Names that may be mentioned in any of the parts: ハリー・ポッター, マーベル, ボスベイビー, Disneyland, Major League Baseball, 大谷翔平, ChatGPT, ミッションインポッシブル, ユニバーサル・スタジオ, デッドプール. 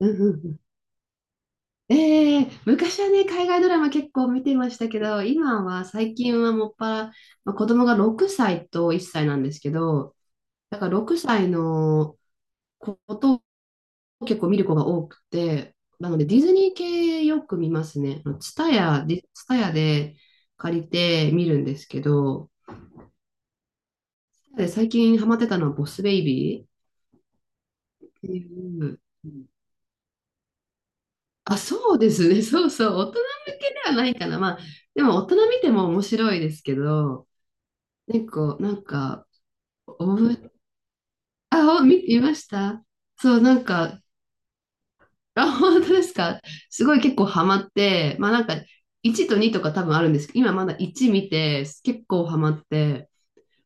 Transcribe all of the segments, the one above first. うんうんうん。ええ、昔はね、海外ドラマ結構見てましたけど、今は最近はもっぱら、まあ、子供が6歳と1歳なんですけど、だから6歳のことを結構見る子が多くて、なのでディズニー系よく見ますね。ツタヤ、ディツタヤで借りて見るんですけど、で最近ハマってたのはボスベイビーっていう。あ、そうですね。そうそう。大人向けではないかな。まあ、でも大人見ても面白いですけど、結構、なんか、おぶ、あ、見ました。そう、なんか、あ、本当ですか？すごい結構ハマって、まあなんか、1と2とか多分あるんですけど、今まだ1見て、結構ハマって、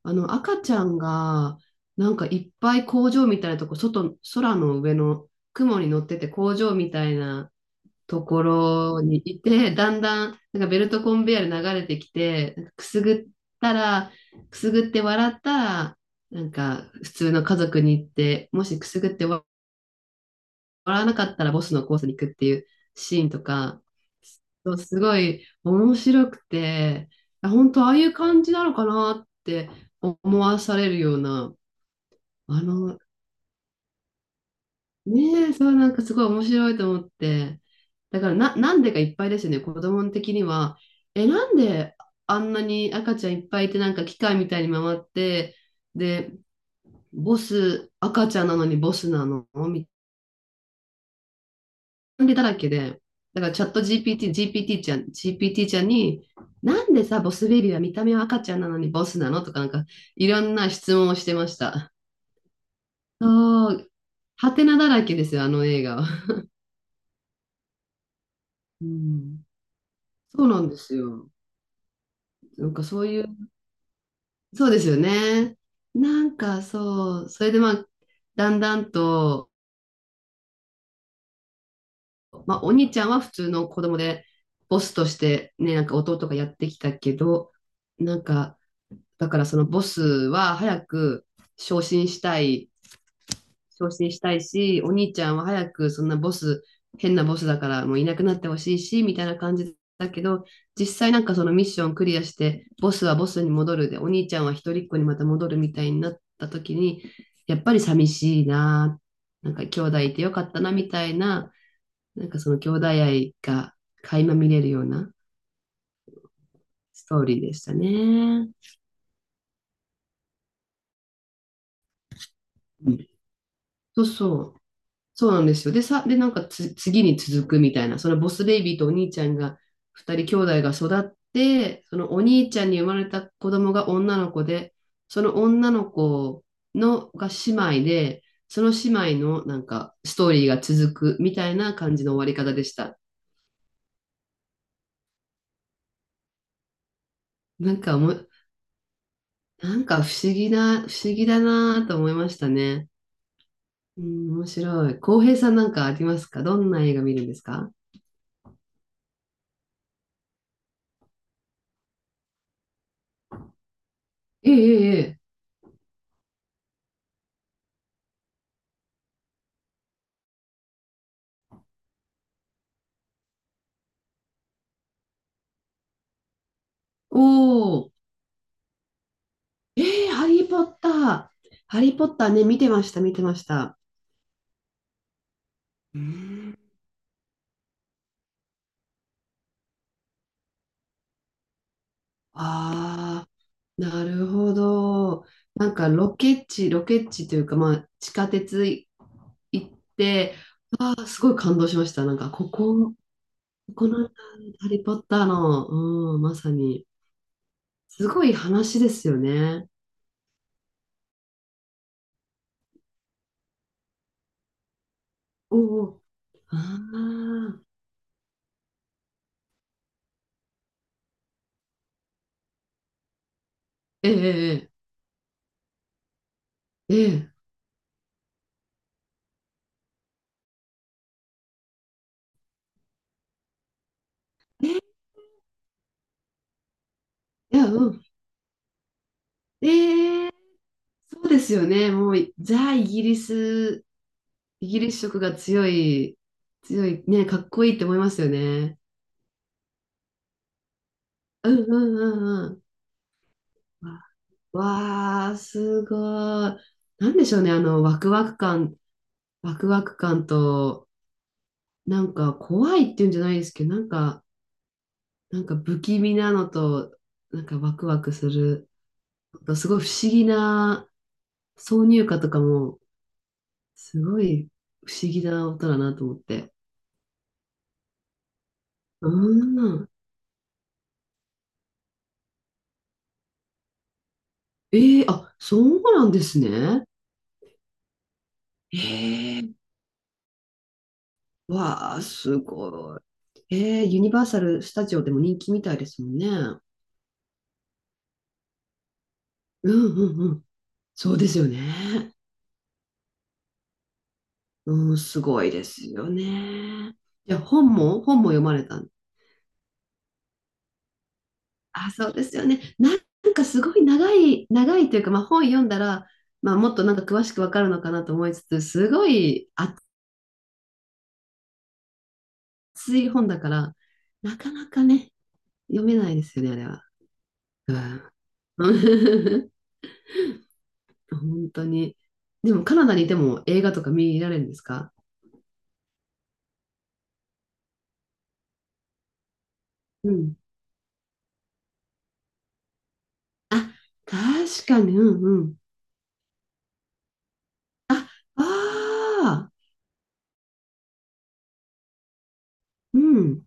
あの、赤ちゃんが、なんかいっぱい工場みたいなとこ、外、空の上の雲に乗ってて工場みたいな、ところにいて、だんだん、なんかベルトコンベヤーで流れてきて、なんかくすぐったら、くすぐって笑ったら、なんか普通の家族に行って、もしくすぐって笑わなかったらボスのコースに行くっていうシーンとか、そうすごい面白くて、あ、本当ああいう感じなのかなって思わされるような、あの、ねえ、そう、なんかすごい面白いと思って。だからなんでかいっぱいですよね、子供的には。え、なんであんなに赤ちゃんいっぱいいて、なんか機械みたいに回って、で、ボス、赤ちゃんなのにボスなのみたいなだらけで。だからチャット GPT、GPT ちゃん、GPT ちゃんに、なんでさ、ボスベビーは見た目は赤ちゃんなのにボスなのとか、なんか、いろんな質問をしてました。そう、ハテナだらけですよ、あの映画は。うん、そうなんですよ。なんかそういう、そうですよね。なんかそう、それでまあ、だんだんと、まあ、お兄ちゃんは普通の子供で、ボスとしてね、なんか弟がやってきたけど、なんか、だからそのボスは早く昇進したい昇進したいし、お兄ちゃんは早くそんなボス、変なボスだからもういなくなってほしいし、みたいな感じだけど、実際なんかそのミッションクリアして、ボスはボスに戻るで、お兄ちゃんは一人っ子にまた戻るみたいになった時に、やっぱり寂しいな、なんか兄弟いてよかったなみたいな、なんかその兄弟愛が垣間見れるようなストーリーでしたね。うん、そうそう。そうなんですよ。で、なんか次に続くみたいな、そのボスベイビーとお兄ちゃんが、二人兄弟が育って、そのお兄ちゃんに生まれた子供が女の子で、その女の子のが姉妹で、その姉妹のなんかストーリーが続くみたいな感じの終わり方でした。なんかおも、なんか不思議な、不思議だなと思いましたね。うん、面白い。浩平さんなんかありますか？どんな映画見るんですか？ええええ。ええ。おー。えー、ハリー・ポッター。ハリー・ポッターね、見てました、見てました。うーん。ああ、なるほど。なんかロケ地、ロケ地というか、まあ、地下鉄い行って、ああ、すごい感動しました。なんか、ここ、このハリー・ポッターの、うん、まさに。すごい話ですよね。おお。ああ、ええええええ、いや、うん。ええ。そうですよね。もう、ザ・イギリス、イギリス色が強い、強い、ね、かっこいいって思いますよね。うんうんうんうん。わあー、すごい。なんでしょうね、あの、ワクワク感、ワクワク感と、なんか怖いっていうんじゃないですけど、なんか、なんか不気味なのと、なんかワクワクする、すごい不思議な挿入歌とかも、すごい不思議な音だなと思って。うん。ええ、あ、そうなんですね。ええ、わあ、すごい。ええ、ユニバーサル・スタジオでも人気みたいですもんね。うんうんうん。そうですよね。うん、すごいですよね。じゃあ本も、本も読まれたん。あ、そうですよね。なんかすごい長い、長いというか、まあ本読んだら、まあもっとなんか詳しくわかるのかなと思いつつ、すごい熱い本だから、なかなかね、読めないですよね、あれは。うん。本当に。でもカナダにいても映画とか見られるんですか？うん。あ、確かに、うんうん。あ、ああ、うん。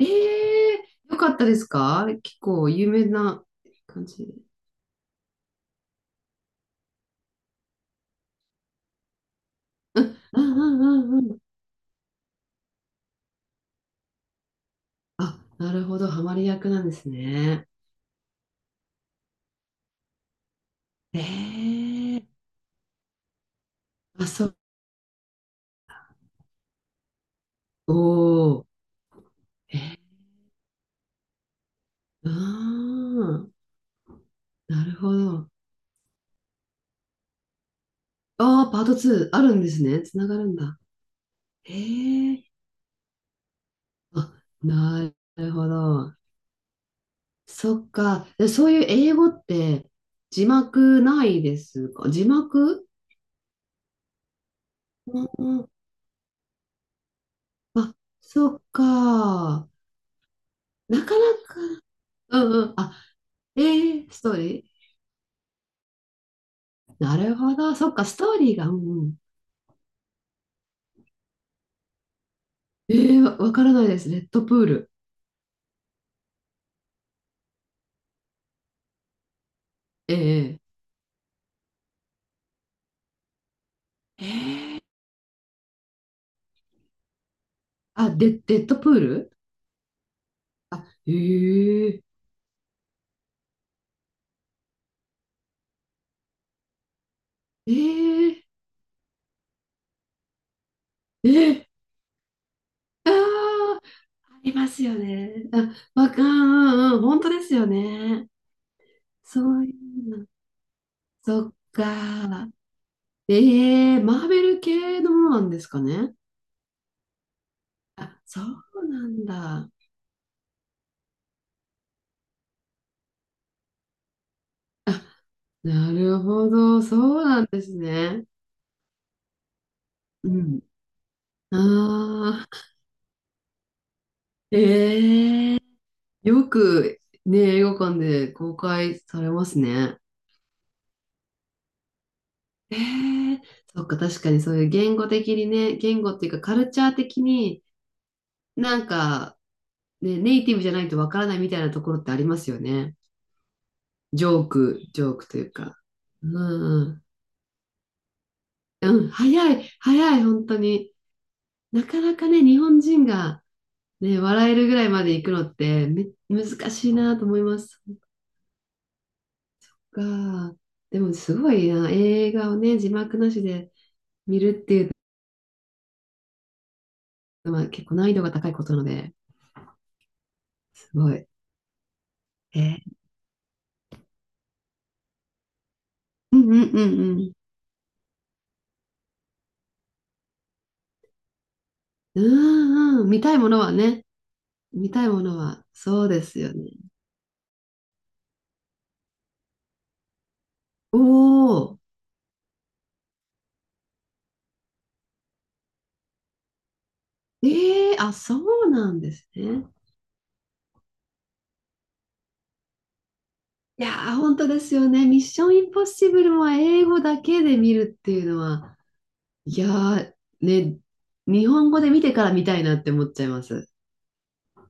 ええー、よかったですか？結構有名な感じ。うんうんうんうん。あ、なるほど、ハマり役なんですね。ええ、あ、そう。おー。えー、ああ、なるほど。ああ、パート2あるんですね。つながるんだ。ええ、あ、なるほど。そっか。でそういう英語って字幕ないですか？字幕。うんうん。あ、そっか。なかなか。うんうん。あ、えー、ストーリー。なるほど。そっか、ストーリーが。うんうん。えー、わからないです。レッドプール。ええ、あ、デッドプール。あ、えー、えー、えー、ああー、ありますよね。あ、わかん、うんうん、本当ですよね。そういうの。そっか。ええー、マーベル系のものなんですかね。あ、そうなんだ。あ、なるほど。そうなんですね。うん。ああ、ええー、よくね、映画館で公開されますね。ええ、そっか、確かにそういう言語的にね、言語っていうかカルチャー的になんか、ね、ネイティブじゃないとわからないみたいなところってありますよね。ジョーク、ジョークというか。うんうん、早い、早い、本当に。なかなかね、日本人が、ね、笑えるぐらいまで行くのって難しいなと思います。が、でもすごいな、映画をね、字幕なしで見るっていうのは結構難易度が高いことなので、すごい。えー、うんうんうんうん。うんうん、見たいものはね、見たいものは、そうですよね。おー、えー、あ、そうなんですね。いやー、本当ですよね。ミッションインポッシブルは英語だけで見るっていうのは、いやー、ね、日本語で見てから見たいなって思っちゃいます。